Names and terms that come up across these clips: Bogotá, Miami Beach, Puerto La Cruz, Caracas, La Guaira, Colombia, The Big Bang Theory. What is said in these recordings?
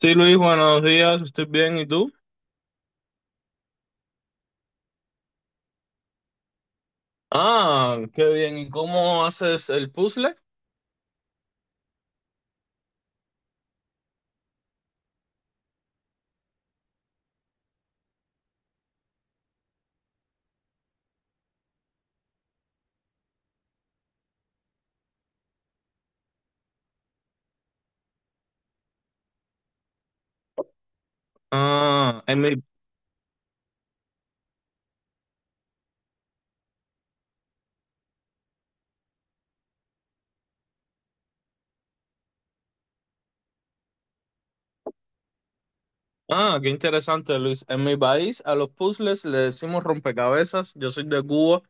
Sí, Luis, buenos días, estoy bien, ¿y tú? Ah, qué bien, ¿y cómo haces el puzzle? Ah, ah, qué interesante, Luis. En mi país a los puzzles le decimos rompecabezas, yo soy de Cuba.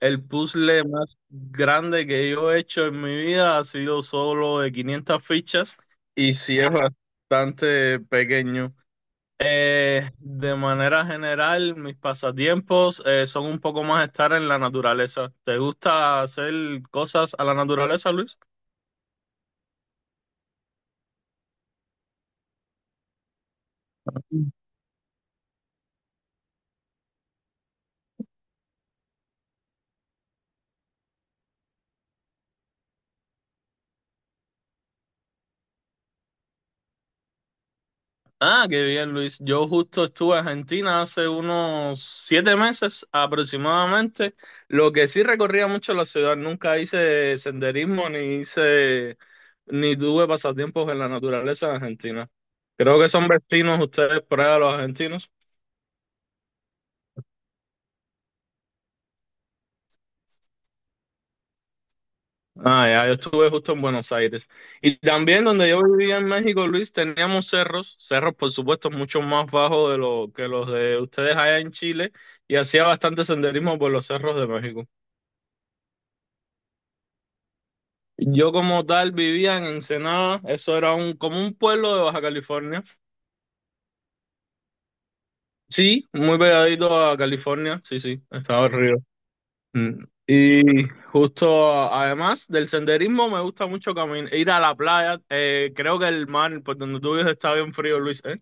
El puzzle más grande que yo he hecho en mi vida ha sido solo de 500 fichas y sí es bastante pequeño. De manera general, mis pasatiempos son un poco más estar en la naturaleza. ¿Te gusta hacer cosas a la naturaleza, Luis? Ah, qué bien, Luis. Yo justo estuve en Argentina hace unos 7 meses aproximadamente. Lo que sí recorría mucho la ciudad, nunca hice senderismo ni tuve pasatiempos en la naturaleza en Argentina. Creo que son vecinos ustedes por allá, los argentinos. Ah, ya, yo estuve justo en Buenos Aires. Y también donde yo vivía en México, Luis, teníamos cerros, por supuesto mucho más bajos de lo que los de ustedes allá en Chile, y hacía bastante senderismo por los cerros de México. Yo como tal vivía en Ensenada, eso era como un pueblo de Baja California. Sí, muy pegadito a California, sí, sí, estaba el río. Mm. Y justo además del senderismo me gusta mucho caminar, ir a la playa. Creo que el mar por donde tú vives está bien frío, Luis, ¿eh?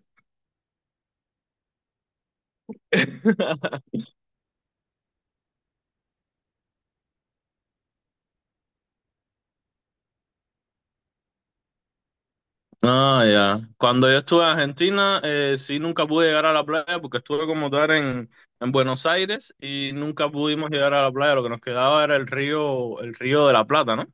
Ah, ya. Cuando yo estuve en Argentina, sí nunca pude llegar a la playa porque estuve como tal en, Buenos Aires y nunca pudimos llegar a la playa. Lo que nos quedaba era el río de la Plata, ¿no?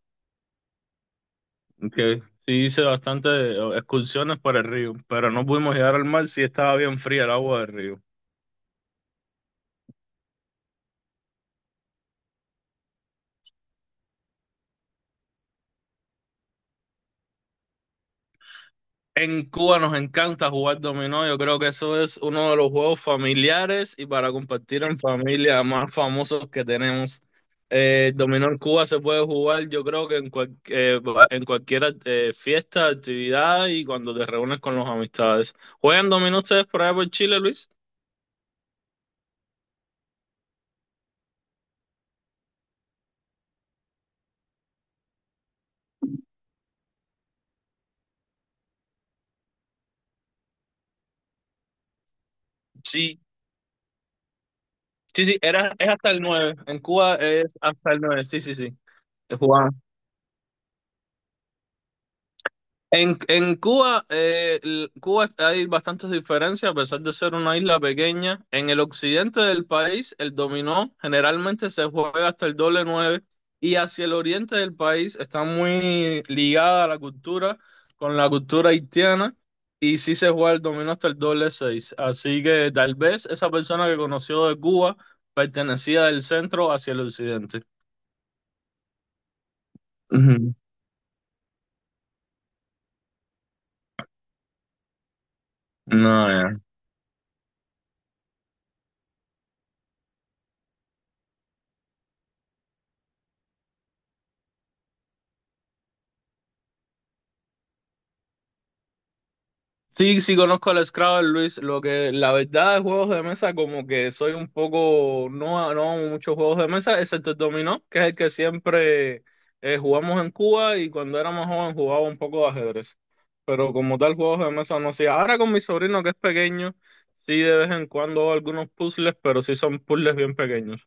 Que sí hice bastante excursiones por el río, pero no pudimos llegar al mar, sí estaba bien fría el agua del río. En Cuba nos encanta jugar dominó. Yo creo que eso es uno de los juegos familiares y para compartir en familia más famosos que tenemos. El dominó en Cuba se puede jugar, yo creo que en cualquier fiesta, actividad y cuando te reúnes con los amistades. ¿Juegan dominó ustedes por allá por Chile, Luis? Sí, sí, sí, es hasta el 9. En Cuba es hasta el 9. Sí, sí, sí. En Cuba, Cuba hay bastantes diferencias, a pesar de ser una isla pequeña. En el occidente del país, el dominó generalmente se juega hasta el doble nueve y hacia el oriente del país está muy ligada con la cultura haitiana, y sí se juega el dominó hasta el doble seis. Así que tal vez esa persona que conoció de Cuba pertenecía del centro hacia el occidente. Ujú. No, ya. Sí, sí conozco el Scrabble, Luis. Lo que la verdad de juegos de mesa, como que soy un poco, no, no hago muchos juegos de mesa, excepto el dominó, que es el que siempre jugamos en Cuba y cuando era más joven jugaba un poco de ajedrez. Pero como tal, juegos de mesa no hacía. Ahora con mi sobrino que es pequeño, sí de vez en cuando hago algunos puzzles, pero sí son puzzles bien pequeños.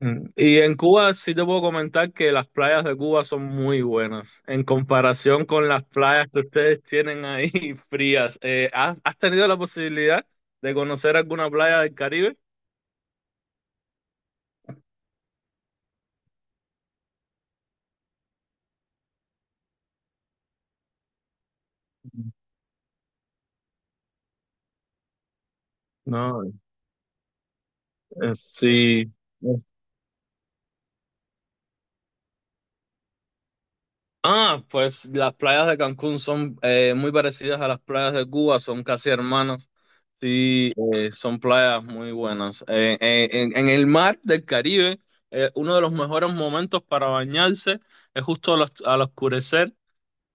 Mm. Y en Cuba sí te puedo comentar que las playas de Cuba son muy buenas en comparación con las playas que ustedes tienen ahí frías. ¿Has tenido la posibilidad de conocer alguna playa del Caribe? No, sí. Ah, pues las playas de Cancún son muy parecidas a las playas de Cuba, son casi hermanas. Sí, son playas muy buenas. En el mar del Caribe, uno de los mejores momentos para bañarse es justo al oscurecer,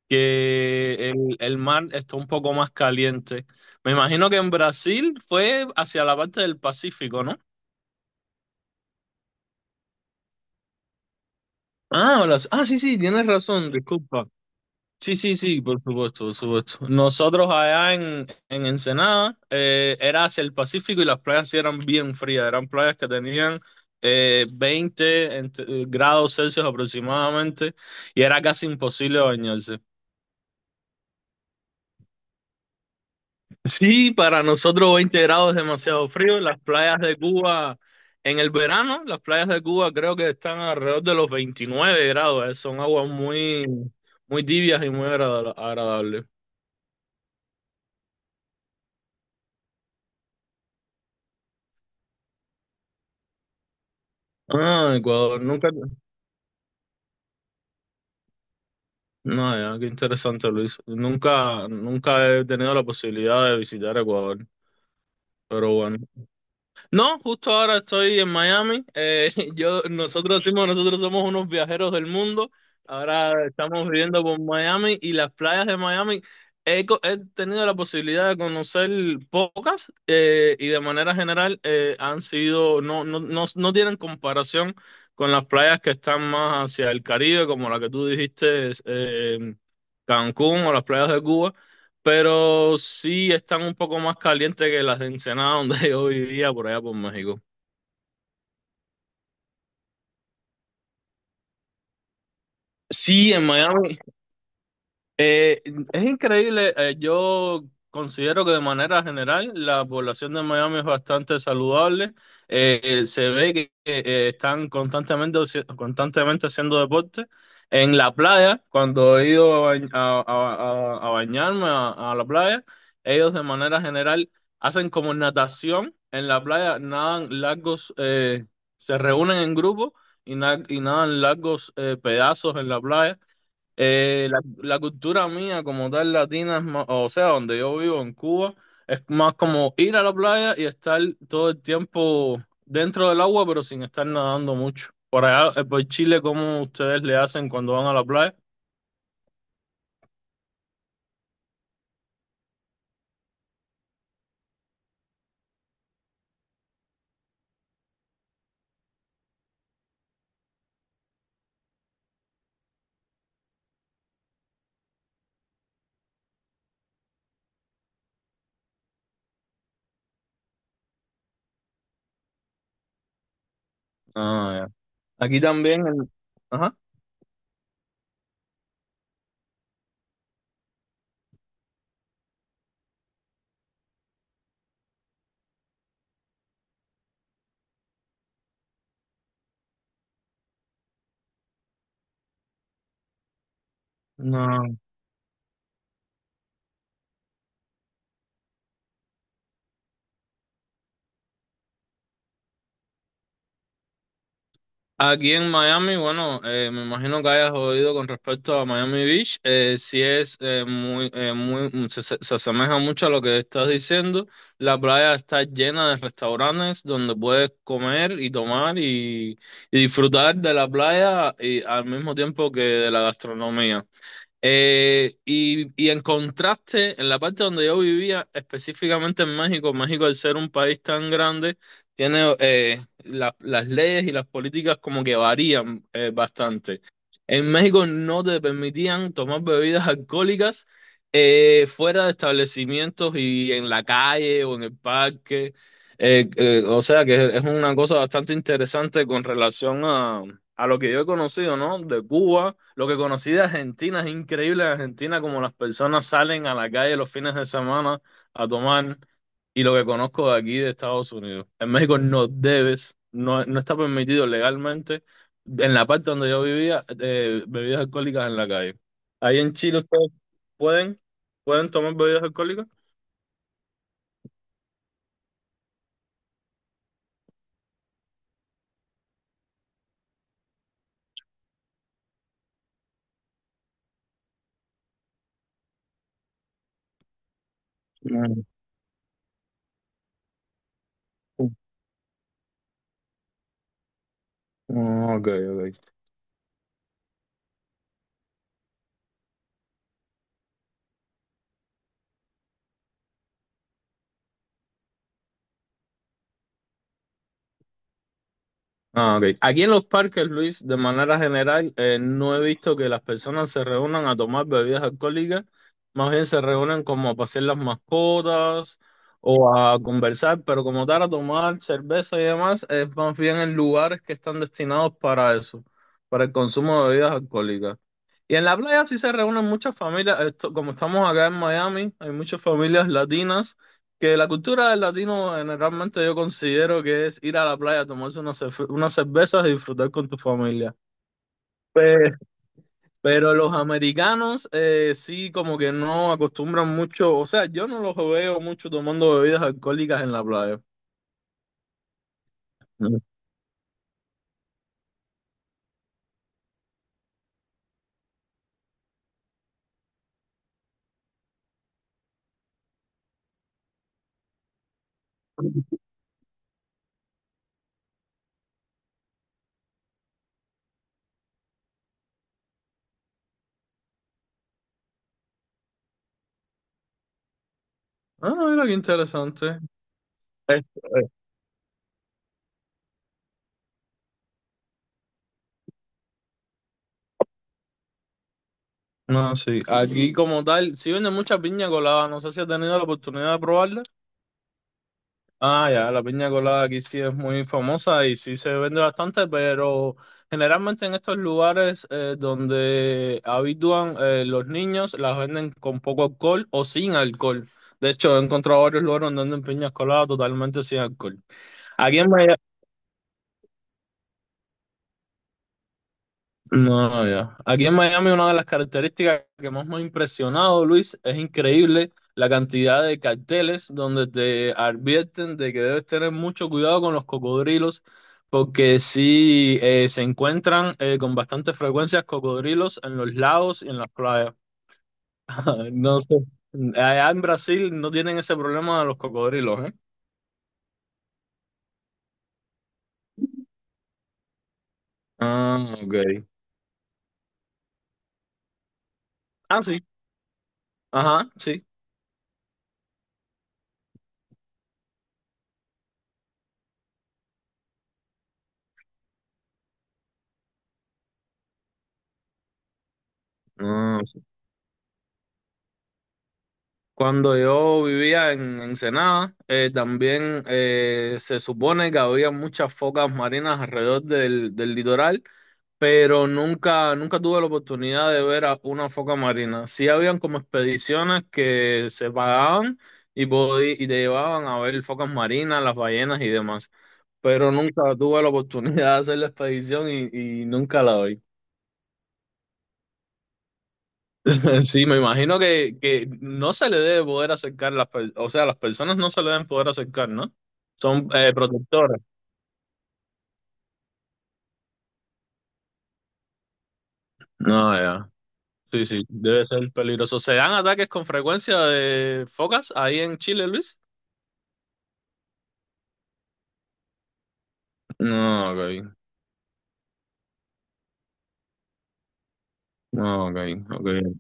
que el mar está un poco más caliente. Me imagino que en Brasil fue hacia la parte del Pacífico, ¿no? Ah, sí, sí, tienes razón, disculpa. Sí, sí, sí, por supuesto, por supuesto. Nosotros allá en, Ensenada era hacia el Pacífico y las playas sí eran bien frías, eran playas que tenían 20 grados Celsius aproximadamente y era casi imposible bañarse. Sí, para nosotros 20 grados es demasiado frío. Las playas de Cuba en el verano, las playas de Cuba creo que están alrededor de los 29 grados, son aguas muy, muy tibias y muy agradables. Ah, Ecuador, nunca. No, ya, qué interesante, Luis. Nunca, nunca he tenido la posibilidad de visitar Ecuador, pero bueno. No, justo ahora estoy en Miami. Nosotros decimos, nosotros somos unos viajeros del mundo. Ahora estamos viviendo por Miami y las playas de Miami. He tenido la posibilidad de conocer pocas y de manera general han sido, no, no, no, no tienen comparación con las playas que están más hacia el Caribe, como la que tú dijiste, Cancún o las playas de Cuba pero sí están un poco más calientes que las de Ensenada donde yo vivía por allá por México. Sí, en Miami Eh, es increíble, yo considero que de manera general la población de Miami es bastante saludable, se ve que están constantemente haciendo deporte. En la playa, cuando he ido a bañarme a la playa, ellos de manera general hacen como natación en la playa, nadan largos, se reúnen en grupo y nadan largos pedazos en la playa. La cultura mía como tal latina es más, o sea, donde yo vivo en Cuba, es más como ir a la playa y estar todo el tiempo dentro del agua, pero sin estar nadando mucho. Por allá, por Chile, ¿cómo ustedes le hacen cuando van a la playa? Ah, ya. Aquí también el... Ajá. No. Aquí en Miami, bueno, me imagino que hayas oído con respecto a Miami Beach, sí es muy, muy, se asemeja mucho a lo que estás diciendo. La playa está llena de restaurantes donde puedes comer y tomar y disfrutar de la playa y al mismo tiempo que de la gastronomía. Y en contraste, en la parte donde yo vivía, específicamente en México, México al ser un país tan grande, tiene las leyes y las políticas como que varían bastante. En México no te permitían tomar bebidas alcohólicas fuera de establecimientos y en la calle o en el parque. O sea que es una cosa bastante interesante con relación a lo que yo he conocido, ¿no? De Cuba lo que conocí de Argentina es increíble. En Argentina, como las personas salen a la calle los fines de semana a tomar, y lo que conozco de aquí de Estados Unidos. En México no debes, no, no está permitido legalmente, en la parte donde yo vivía, bebidas alcohólicas en la calle. Ahí en Chile ustedes pueden, pueden tomar bebidas alcohólicas. Mm, mm, ok, ok. Ah, ok. Aquí en los parques, Luis, de manera general, no he visto que las personas se reúnan a tomar bebidas alcohólicas, más bien se reúnen como a pasear las mascotas o a conversar, pero como tal, a tomar cerveza y demás, es más bien en lugares que están destinados para eso, para el consumo de bebidas alcohólicas. Y en la playa sí se reúnen muchas familias, esto, como estamos acá en Miami, hay muchas familias latinas que la cultura del latino generalmente yo considero que es ir a la playa, tomarse unas cervezas y disfrutar con tu familia. Pe- Pero los americanos sí como que no acostumbran mucho, o sea, yo no los veo mucho tomando bebidas alcohólicas en la playa. Mm. Ah, mira qué interesante. Eh, eh. No, sí, aquí como tal, sí venden mucha piña colada, no sé si has tenido la oportunidad de probarla. Ah, ya, la piña colada aquí sí es muy famosa y sí se vende bastante, pero generalmente en estos lugares donde habitúan los niños las venden con poco alcohol o sin alcohol. De hecho, he encontrado varios lugares donde venden piñas coladas totalmente sin alcohol. Aquí en Miami. No, ya. Aquí en Miami una de las características que más me ha impresionado, Luis, es increíble la cantidad de carteles donde te advierten de que debes tener mucho cuidado con los cocodrilos, porque sí se encuentran con bastante frecuencia cocodrilos en los lagos y en las playas. No sé. Allá en Brasil no tienen ese problema de los cocodrilos, ¿eh? Ah, ok. Ah, sí. Ajá, sí. Cuando yo vivía en Ensenada, también se supone que había muchas focas marinas alrededor del litoral, pero nunca, nunca tuve la oportunidad de ver a una foca marina. Sí habían como expediciones que se pagaban y te llevaban a ver focas marinas, las ballenas y demás, pero nunca tuve la oportunidad de hacer la expedición y nunca la vi. Sí, me imagino que no se le debe poder acercar o sea, las personas no se le deben poder acercar, ¿no? Son protectoras. No, ya. Sí, sí, debe ser peligroso. ¿Se dan ataques con frecuencia de focas ahí en Chile, Luis? No, ok. No, ok, ok.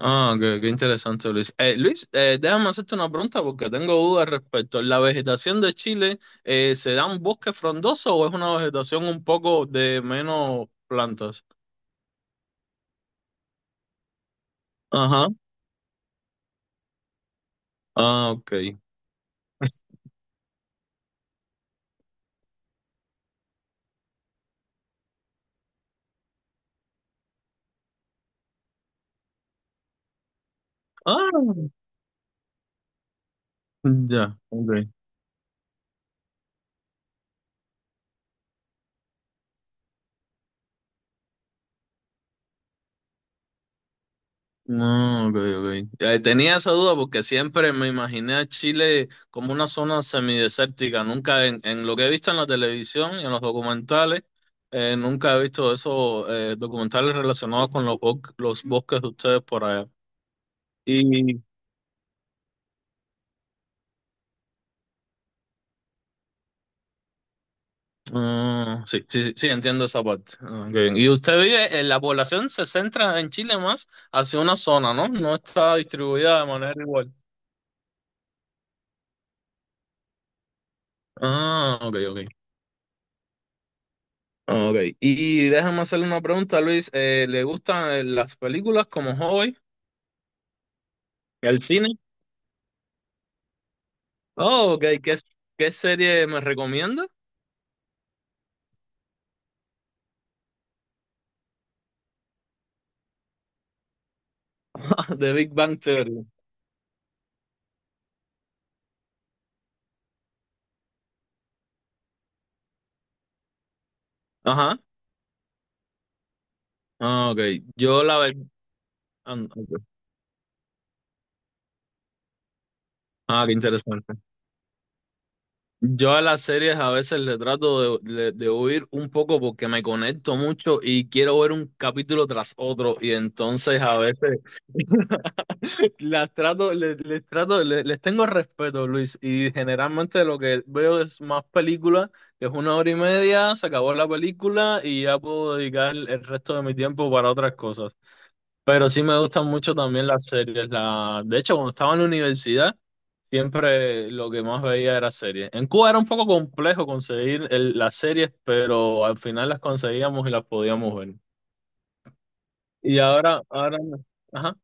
Ah, qué interesante, Luis. Luis, déjame hacerte una pregunta porque tengo dudas respecto. ¿La vegetación de Chile se da un bosque frondoso o es una vegetación un poco de menos plantas? Ajá. Ah, ok. Ah, ya, ok. No, ok, ok. Tenía esa duda porque siempre me imaginé a Chile como una zona semidesértica. Nunca en lo que he visto en la televisión y en los documentales, nunca he visto esos documentales relacionados con los bosques de ustedes por allá. Y ah, sí, sí, sí, sí, entiendo esa parte. Ah, qué bien. Y la población se centra en Chile más hacia una zona, ¿no? No está distribuida de manera igual. Ah, ok, ok. Ah, ok, y déjame hacerle una pregunta, Luis. ¿Le gustan las películas como hobby? ¿El cine? Oh, ok, ¿qué serie me recomienda? The Big Bang Theory. Ajá. Ah, ok, yo la verdad. Ah, no, ok. Ah, qué interesante. Yo a las series a veces le trato de huir un poco porque me conecto mucho y quiero ver un capítulo tras otro y entonces a veces Las trato, les tengo respeto, Luis, y generalmente lo que veo es más películas, que es una hora y media, se acabó la película y ya puedo dedicar el resto de mi tiempo para otras cosas. Pero sí me gustan mucho también las series. De hecho, cuando estaba en la universidad, siempre lo que más veía era series. En Cuba era un poco complejo conseguir las series, pero al final las conseguíamos y las podíamos ver. Y ajá.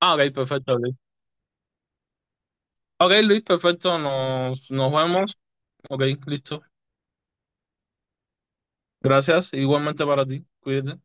Ah, ok, perfecto, Luis. Ok, Luis, perfecto. Nos vemos. Ok, listo. Gracias. Igualmente para ti. Cuídate.